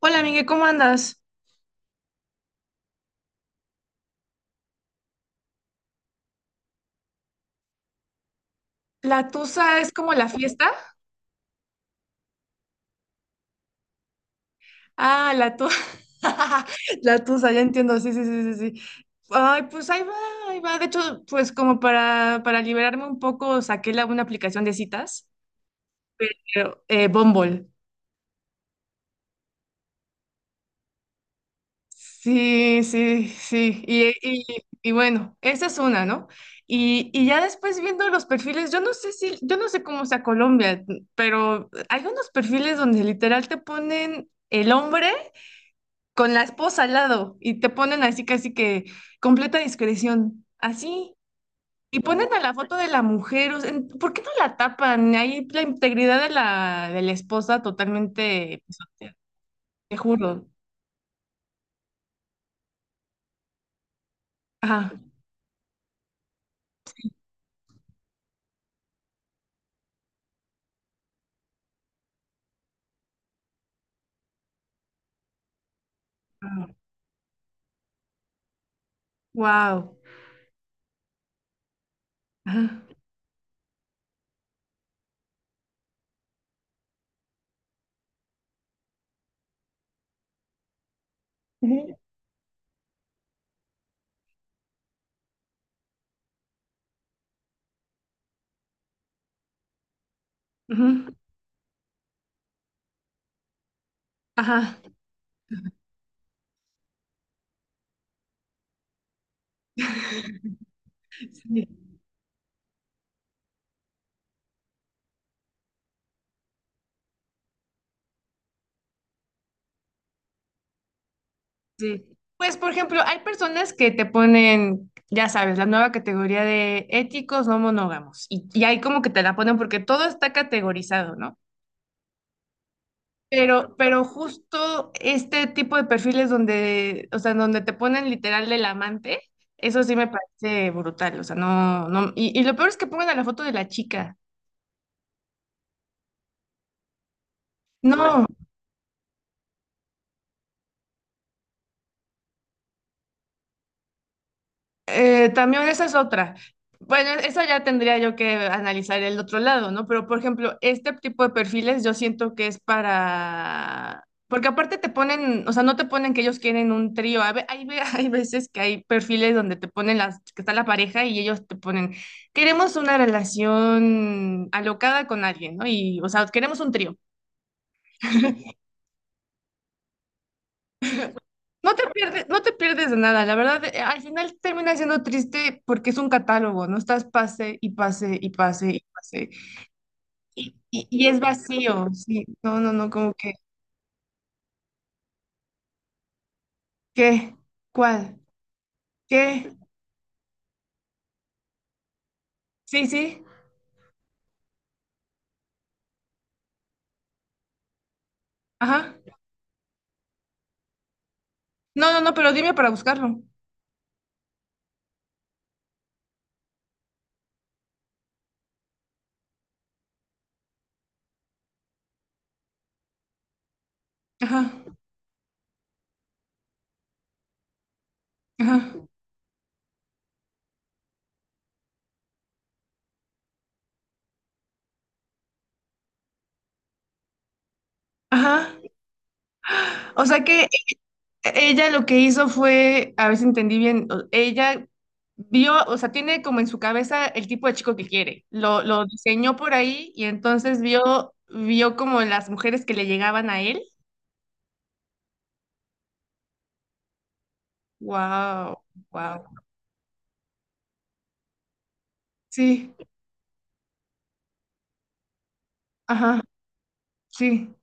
Hola, Miguel, ¿cómo andas? ¿La tusa es como la fiesta? Ah, la tusa. La tusa, ya entiendo, sí, sí, sí, sí, sí. Ay, pues ahí va, ahí va. De hecho, pues como para liberarme un poco, saqué una aplicación de citas, pero Bumble. Sí, sí, sí. Y bueno, esa es una, ¿no? Y ya después viendo los perfiles, yo no sé cómo sea Colombia, pero hay unos perfiles donde literal te ponen el hombre con la esposa al lado y te ponen así casi que completa discreción, así. Y ponen a la foto de la mujer, o sea, ¿por qué no la tapan? Ahí la integridad de de la esposa totalmente pisoteada, te juro. Ajá, wow. Ajá, ujú, ajá, sí, sí. Pues, por ejemplo, hay personas que te ponen, ya sabes, la nueva categoría de éticos no monógamos. Y ahí como que te la ponen porque todo está categorizado, ¿no? Pero justo este tipo de perfiles donde, o sea, donde te ponen literal del amante, eso sí me parece brutal, o sea, no, no, y lo peor es que pongan a la foto de la chica. No. También esa es otra. Bueno, eso ya tendría yo que analizar el otro lado, ¿no? Pero, por ejemplo, este tipo de perfiles yo siento que es para... Porque aparte te ponen, o sea, no te ponen que ellos quieren un trío. A ve- Hay, ve- hay veces que hay perfiles donde te ponen que está la pareja y ellos te ponen, queremos una relación alocada con alguien, ¿no? Y, o sea, queremos un trío. No te pierdes de nada, la verdad, al final termina siendo triste porque es un catálogo, no estás pase y pase y pase y pase. Y es vacío, sí. No, no, no, como que, ¿qué? ¿Cuál? ¿Qué? Sí, sí, ajá. No, no, no, pero dime para buscarlo. Ajá, ajá, ajá. O sea que ella lo que hizo fue, a ver si entendí bien, ella vio, o sea, tiene como en su cabeza el tipo de chico que quiere. Lo diseñó por ahí y entonces vio como las mujeres que le llegaban a él. Wow, wow. Sí, ajá, sí.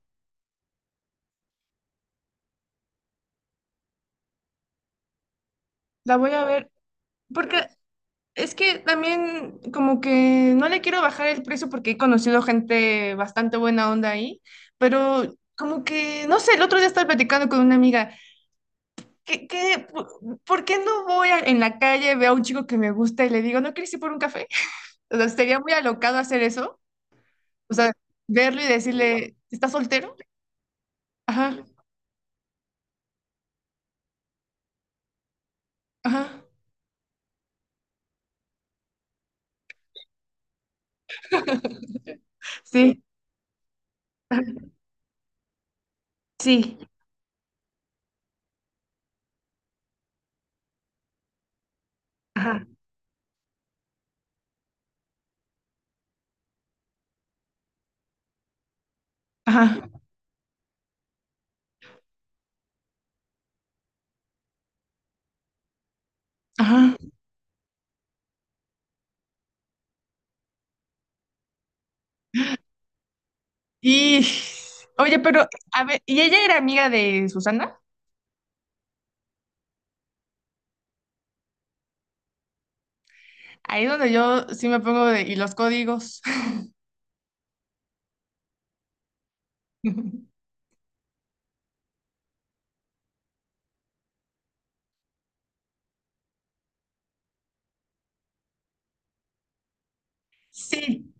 La voy a ver. Porque es que también como que no le quiero bajar el precio porque he conocido gente bastante buena onda ahí, pero como que, no sé, el otro día estaba platicando con una amiga. ¿Qué, qué, por, ¿por qué no en la calle, veo a un chico que me gusta y le digo, ¿no quieres ir por un café? O sea, sería muy alocado hacer eso. O sea, verlo y decirle, ¿estás soltero? Ajá, ajá, sí, ajá, sí, ajá, ajá, ajá. Y, oye, pero, a ver, ¿y ella era amiga de Susana? Ahí es donde yo sí me pongo de, y los códigos. Sí.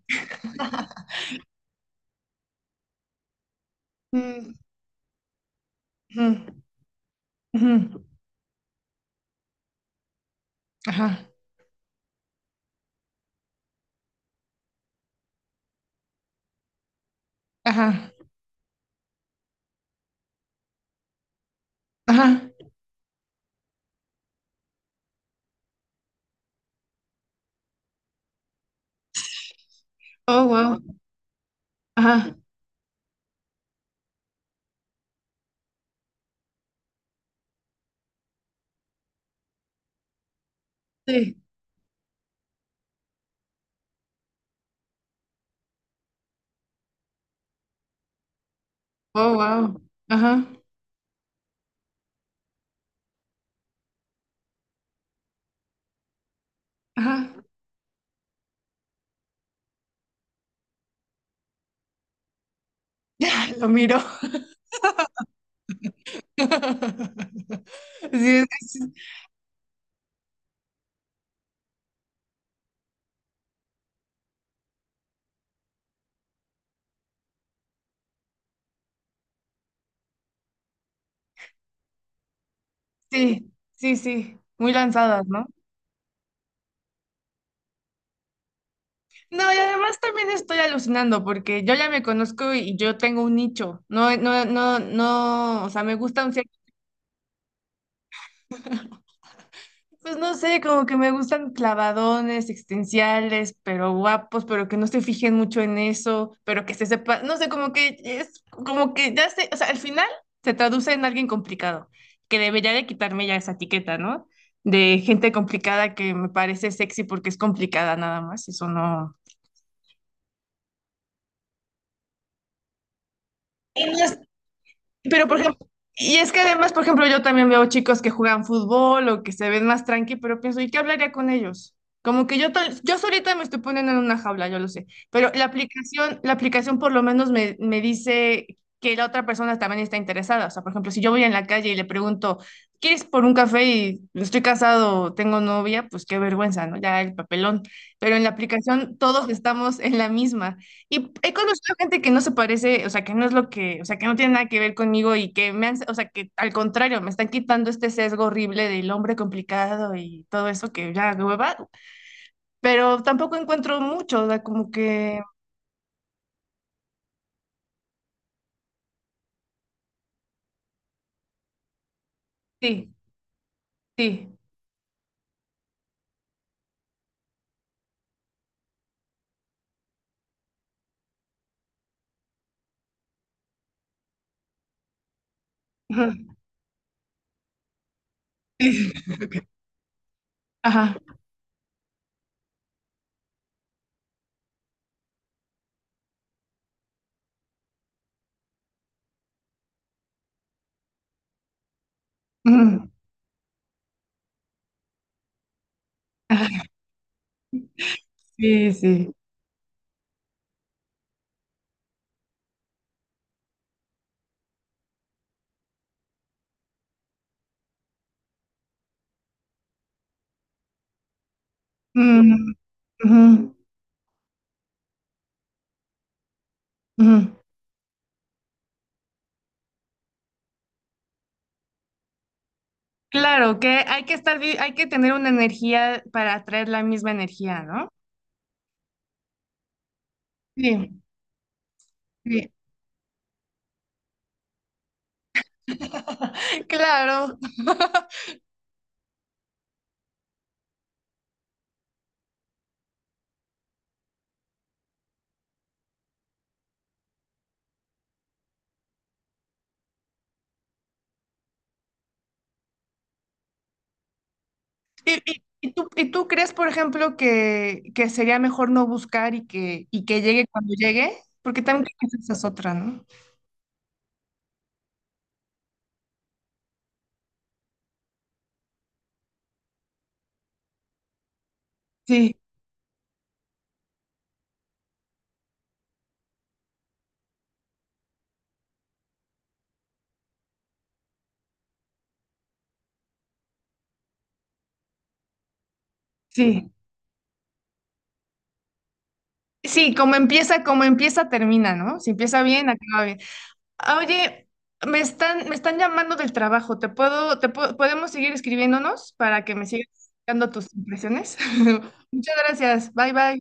Mm, mm, mm. Ajá, ajá, ajá. Oh, wow. Ajá, sí. Oh, wow. Ajá, ajá. Lo miro. Sí, es que sí, sí, sí, sí, muy lanzadas, ¿no? No, y además también estoy alucinando porque yo ya me conozco y yo tengo un nicho. No, no, no, no, o sea, me gustan. Pues no sé, como que me gustan clavadones, existenciales, pero guapos, pero que no se fijen mucho en eso, pero que se sepa, no sé, como que es, como que ya sé, o sea, al final se traduce en alguien complicado, que debería de quitarme ya esa etiqueta, ¿no? De gente complicada que me parece sexy porque es complicada nada más, eso no. Y no es. Pero, por ejemplo, y es que además, por ejemplo, yo también veo chicos que juegan fútbol o que se ven más tranqui, pero pienso, ¿y qué hablaría con ellos? Como que yo, yo solita me estoy poniendo en una jaula, yo lo sé, pero la aplicación por lo menos me dice que la otra persona también está interesada. O sea, por ejemplo, si yo voy en la calle y le pregunto, ¿quieres por un café y estoy casado, tengo novia? Pues qué vergüenza, ¿no? Ya el papelón. Pero en la aplicación todos estamos en la misma. Y he conocido gente que no se parece, o sea, que no es lo que, o sea, que no tiene nada que ver conmigo y que me han, o sea, que al contrario, me están quitando este sesgo horrible del hombre complicado y todo eso que ya hueva, pero tampoco encuentro mucho, o sea, como que sí, sí. Ujú, ajá. Ujú, ajá, sí, sí. Ujú, ujú, ujú. Claro, que hay que estar, hay que tener una energía para atraer la misma energía, ¿no? Sí, sí. Claro. ¿Y tú crees, por ejemplo, que sería mejor no buscar y que llegue cuando llegue? Porque también creo que esa es otra, ¿no? Sí, sí. Sí, como empieza, termina, ¿no? Si empieza bien, acaba bien. Ah, oye, me están llamando del trabajo. ¿Podemos seguir escribiéndonos para que me sigas dando tus impresiones? Muchas gracias. Bye, bye.